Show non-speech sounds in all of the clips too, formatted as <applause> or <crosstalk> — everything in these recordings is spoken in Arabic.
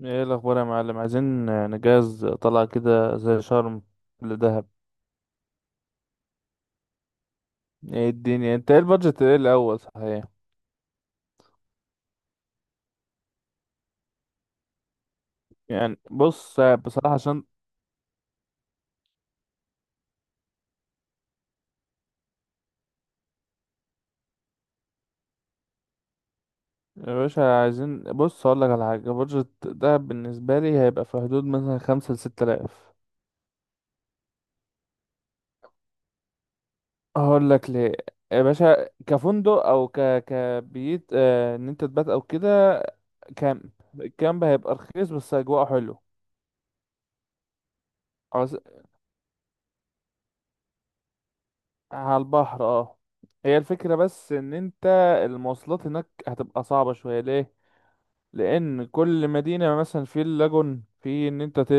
ايه الاخبار يا معلم؟ عايزين نجهز طلعة كده زي شرم لدهب. ايه الدنيا؟ انت ايه البادجت ايه الاول صحيح؟ يعني بص بصراحة عشان، يا باشا عايزين، بص اقول لك على حاجة، بادجت دهب بالنسبة لي هيبقى في حدود مثلا 5 ل 6 آلاف. هقول لك ليه. يا باشا كفندق او كبيت، ان انت تبات او كده. كامب. الكامب هيبقى رخيص بس اجواء حلو. على البحر، اه. هي الفكرة بس ان انت المواصلات هناك هتبقى صعبة شوية. ليه؟ لان كل مدينة مثلا في اللاجون، في ان انت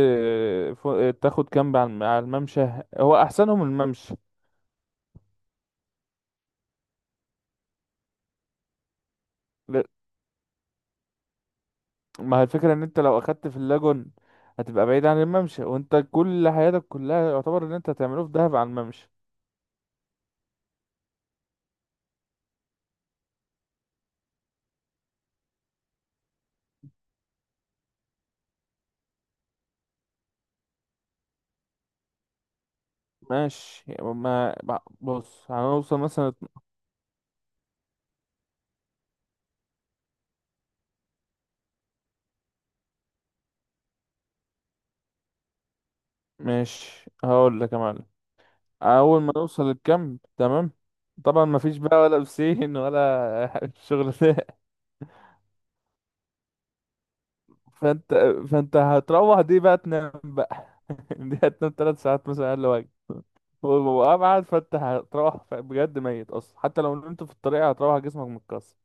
تاخد كامب على على الممشى. هو احسنهم الممشى. ل- ما هي الفكرة ان انت لو اخدت في اللاجون هتبقى بعيد عن الممشى، وانت كل حياتك كلها يعتبر ان انت هتعمله في دهب على الممشى. ماشي، بص، هنوصل مثلا. ماشي، هقول لك يا معلم. اول ما نوصل الكامب تمام، طبعا ما فيش بقى ولا بسين ولا <laughs> الشغل ده. فانت فانت هتروح دي بقى تنام بقى. <laughs> دي هتنام 3 ساعات مثلا اقل واجب. وابعد فانت هتروح، بجد ميت اصلا، حتى لو نمت في الطريق هتروح جسمك متكسر.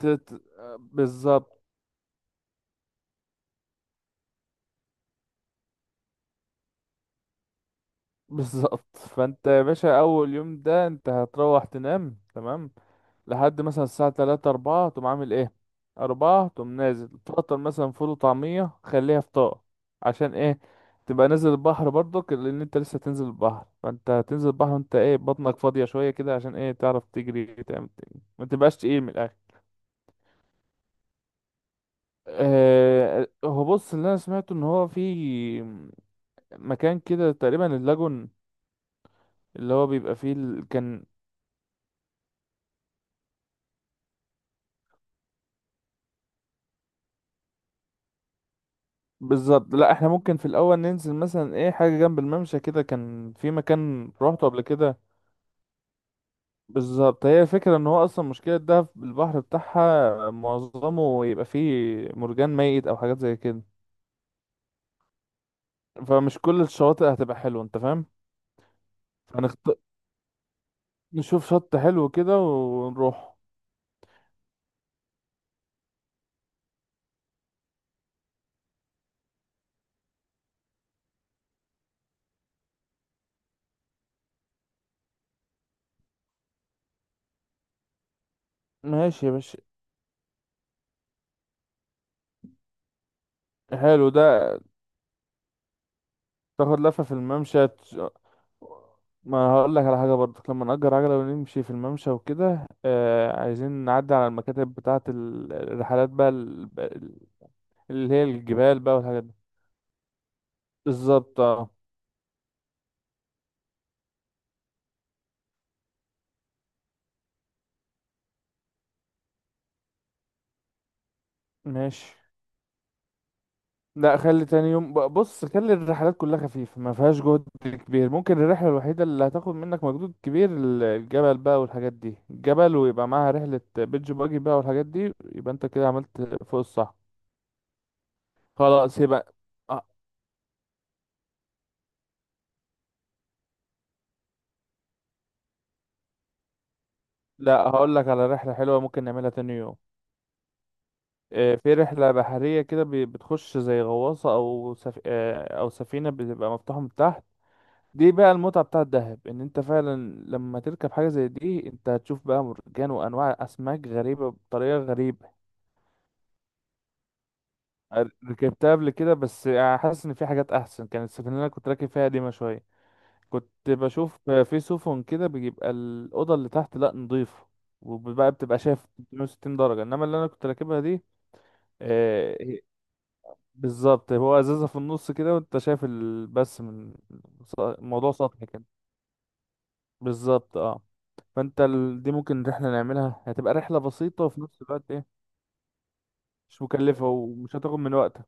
ت- ت- بالظبط. بالظبط، فانت يا باشا اول يوم ده انت هتروح تنام تمام لحد مثلا الساعة تلاتة أربعة، تقوم عامل ايه؟ أربعة تقوم نازل تفطر مثلا فول وطعمية، خليها فطار. عشان ايه؟ تبقى نازل البحر برضك، لأن انت لسه تنزل البحر، فانت هتنزل البحر وانت ايه بطنك فاضية شوية كده، عشان ايه؟ تعرف تجري تعمل تاني، ما تبقاش تقيل من الآخر. هو بص، اللي انا سمعته ان هو في مكان كده تقريبا اللاجون، اللي هو بيبقى فيه كان بالظبط. لا احنا ممكن في الاول ننزل مثلا ايه حاجه جنب الممشى كده، كان في مكان روحته قبل كده بالظبط. هي الفكرة ان هو اصلا مشكلة ده البحر بتاعها معظمه يبقى فيه مرجان ميت او حاجات زي كده، فمش كل الشواطئ هتبقى حلوة، انت فاهم. فنخت... نشوف شط حلو كده ونروح. ماشي يا باشا. حلو ده. تاخد لفة في الممشى ما هقول لك على حاجة برضك، لما نأجر عجلة ونمشي في الممشى وكده، عايزين نعدي على المكاتب بتاعة الرحلات بقى، اللي هي الجبال بقى والحاجات دي. بالظبط، اه. ماشي. لا، خلي تاني يوم بص، خلي الرحلات كلها خفيفة ما فيهاش جهد كبير. ممكن الرحلة الوحيدة اللي هتاخد منك مجهود كبير الجبل بقى والحاجات دي، الجبل ويبقى معاها رحلة بيتش باجي بقى والحاجات دي، يبقى انت كده عملت فوق الصح. خلاص يبقى. أه، لا، هقول لك على رحلة حلوة ممكن نعملها تاني يوم. في رحلة بحرية كده، بتخش زي غواصة أو سف... آه، أو سفينة بتبقى مفتوحة من تحت. دي بقى المتعة بتاعة الدهب، ان انت فعلا لما تركب حاجة زي دي انت هتشوف بقى مرجان وانواع اسماك غريبة بطريقة غريبة. ركبتها قبل كده، بس حاسس ان في حاجات احسن. كانت السفينة اللي انا كنت راكب فيها قديمة شوية. كنت بشوف في سفن كده بيبقى الأوضة اللي تحت لا نضيفة، وبقى بتبقى شايف 360 درجة، انما اللي انا كنت راكبها دي آه، هي- بالظبط، هو ازازة في النص كده وانت شايف بس من الموضوع سطحي كده. بالظبط، اه. فانت دي ممكن رحلة نعملها، هتبقى رحلة بسيطة وفي نفس الوقت ايه، مش مكلفة ومش هتاخد من وقتك.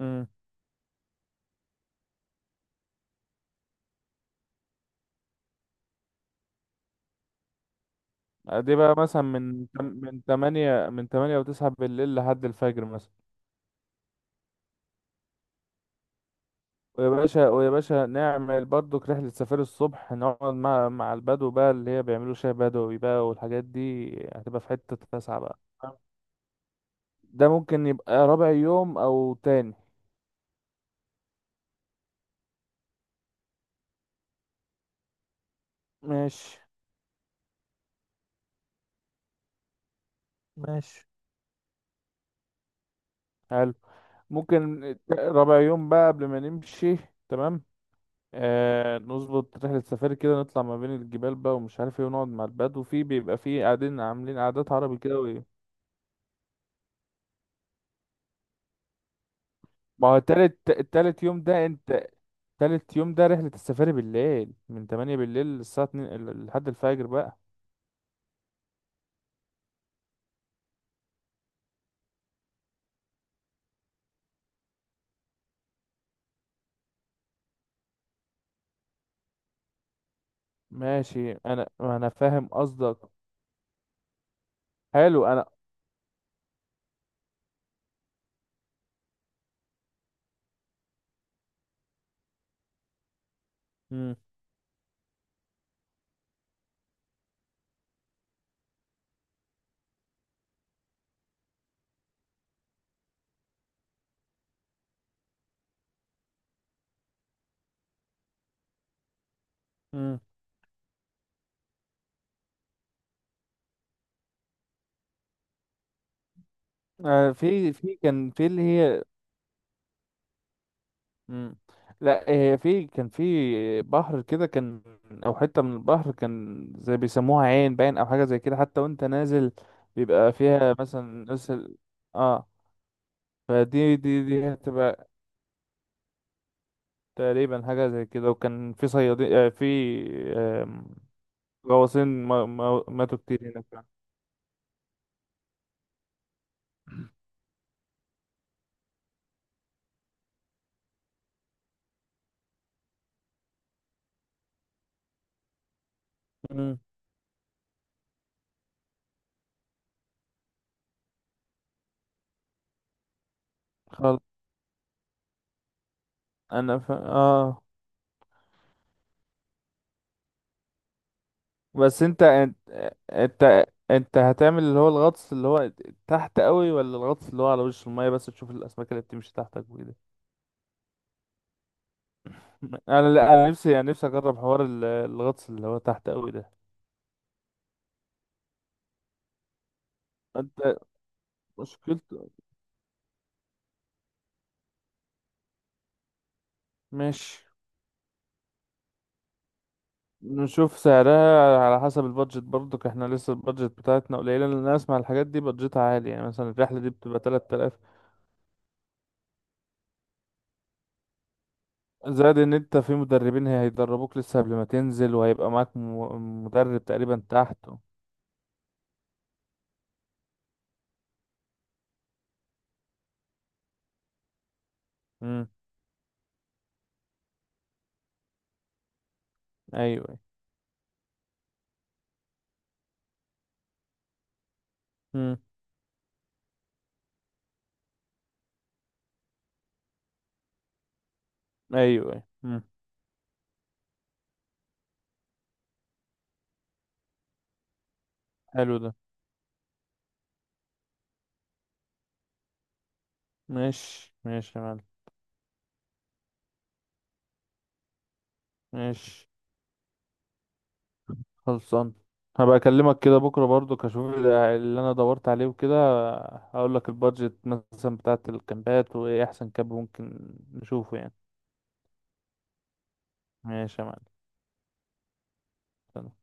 امم. دي بقى مثلا من من 8 و9 بالليل لحد الفجر مثلا. ويا باشا نعمل برضك رحلة سفاري الصبح، نقعد مع البدو بقى، اللي هي بيعملوا شاي بدوي بقى والحاجات دي. هتبقى في حتة 9 بقى. ده ممكن يبقى رابع يوم أو تاني. ماشي ماشي. حلو. ممكن رابع يوم بقى قبل ما نمشي. تمام. آه، نظبط رحلة سفاري كده، نطلع ما بين الجبال بقى ومش عارف ايه، ونقعد مع البدو، وفي بيبقى في قاعدين عاملين قعدات عربي كده وايه. ما هو تالت يوم ده انت، تالت يوم ده رحلة السفاري بالليل من 8 بالليل للساعة 2 لحد الفجر بقى. ماشي، انا فاهم قصدك. حلو انا. مم. مم. آه، في كان في اللي هي مم. لا. آه، في كان في بحر كده كان، او حته من البحر كان زي بيسموها عين باين او حاجه زي كده. حتى وانت نازل بيبقى فيها مثلا نزل. اه. فدي دي دي هتبقى تقريبا حاجه زي كده، وكان في صيادين، آه في آم، غواصين ماتوا كتير هناك. مم. خلاص. انا ف... اه بس انت، انت هتعمل اللي هو الغطس اللي هو تحت قوي، ولا الغطس اللي هو على وش المية بس تشوف الاسماك اللي بتمشي تحتك وكده. انا، لا انا نفسي، نفسي اجرب حوار الغطس اللي هو تحت قوي ده. انت مشكلته. ماشي، نشوف سعرها على حسب البادجت برضك. احنا لسه البادجت بتاعتنا قليلة، لان انا اسمع الحاجات دي بادجتها عالي، يعني مثلا الرحلة دي بتبقى 3000. زائد ان انت في مدربين هيدربوك لسه قبل ما تنزل، وهيبقى معاك مدرب تقريبا تحت. امم. ايوه. أيوه. مم. ايوه، ايوه، مم. حلو ده. ماشي ماشي يا معلم. ماشي، خلصان. هبقى اكلمك كده بكره برضو كشوف اللي انا دورت عليه وكده. هقول لك البادجت مثلا بتاعت الكامبات، وايه احسن كامب ممكن نشوفه يعني. ماشي يا معلم. سلام.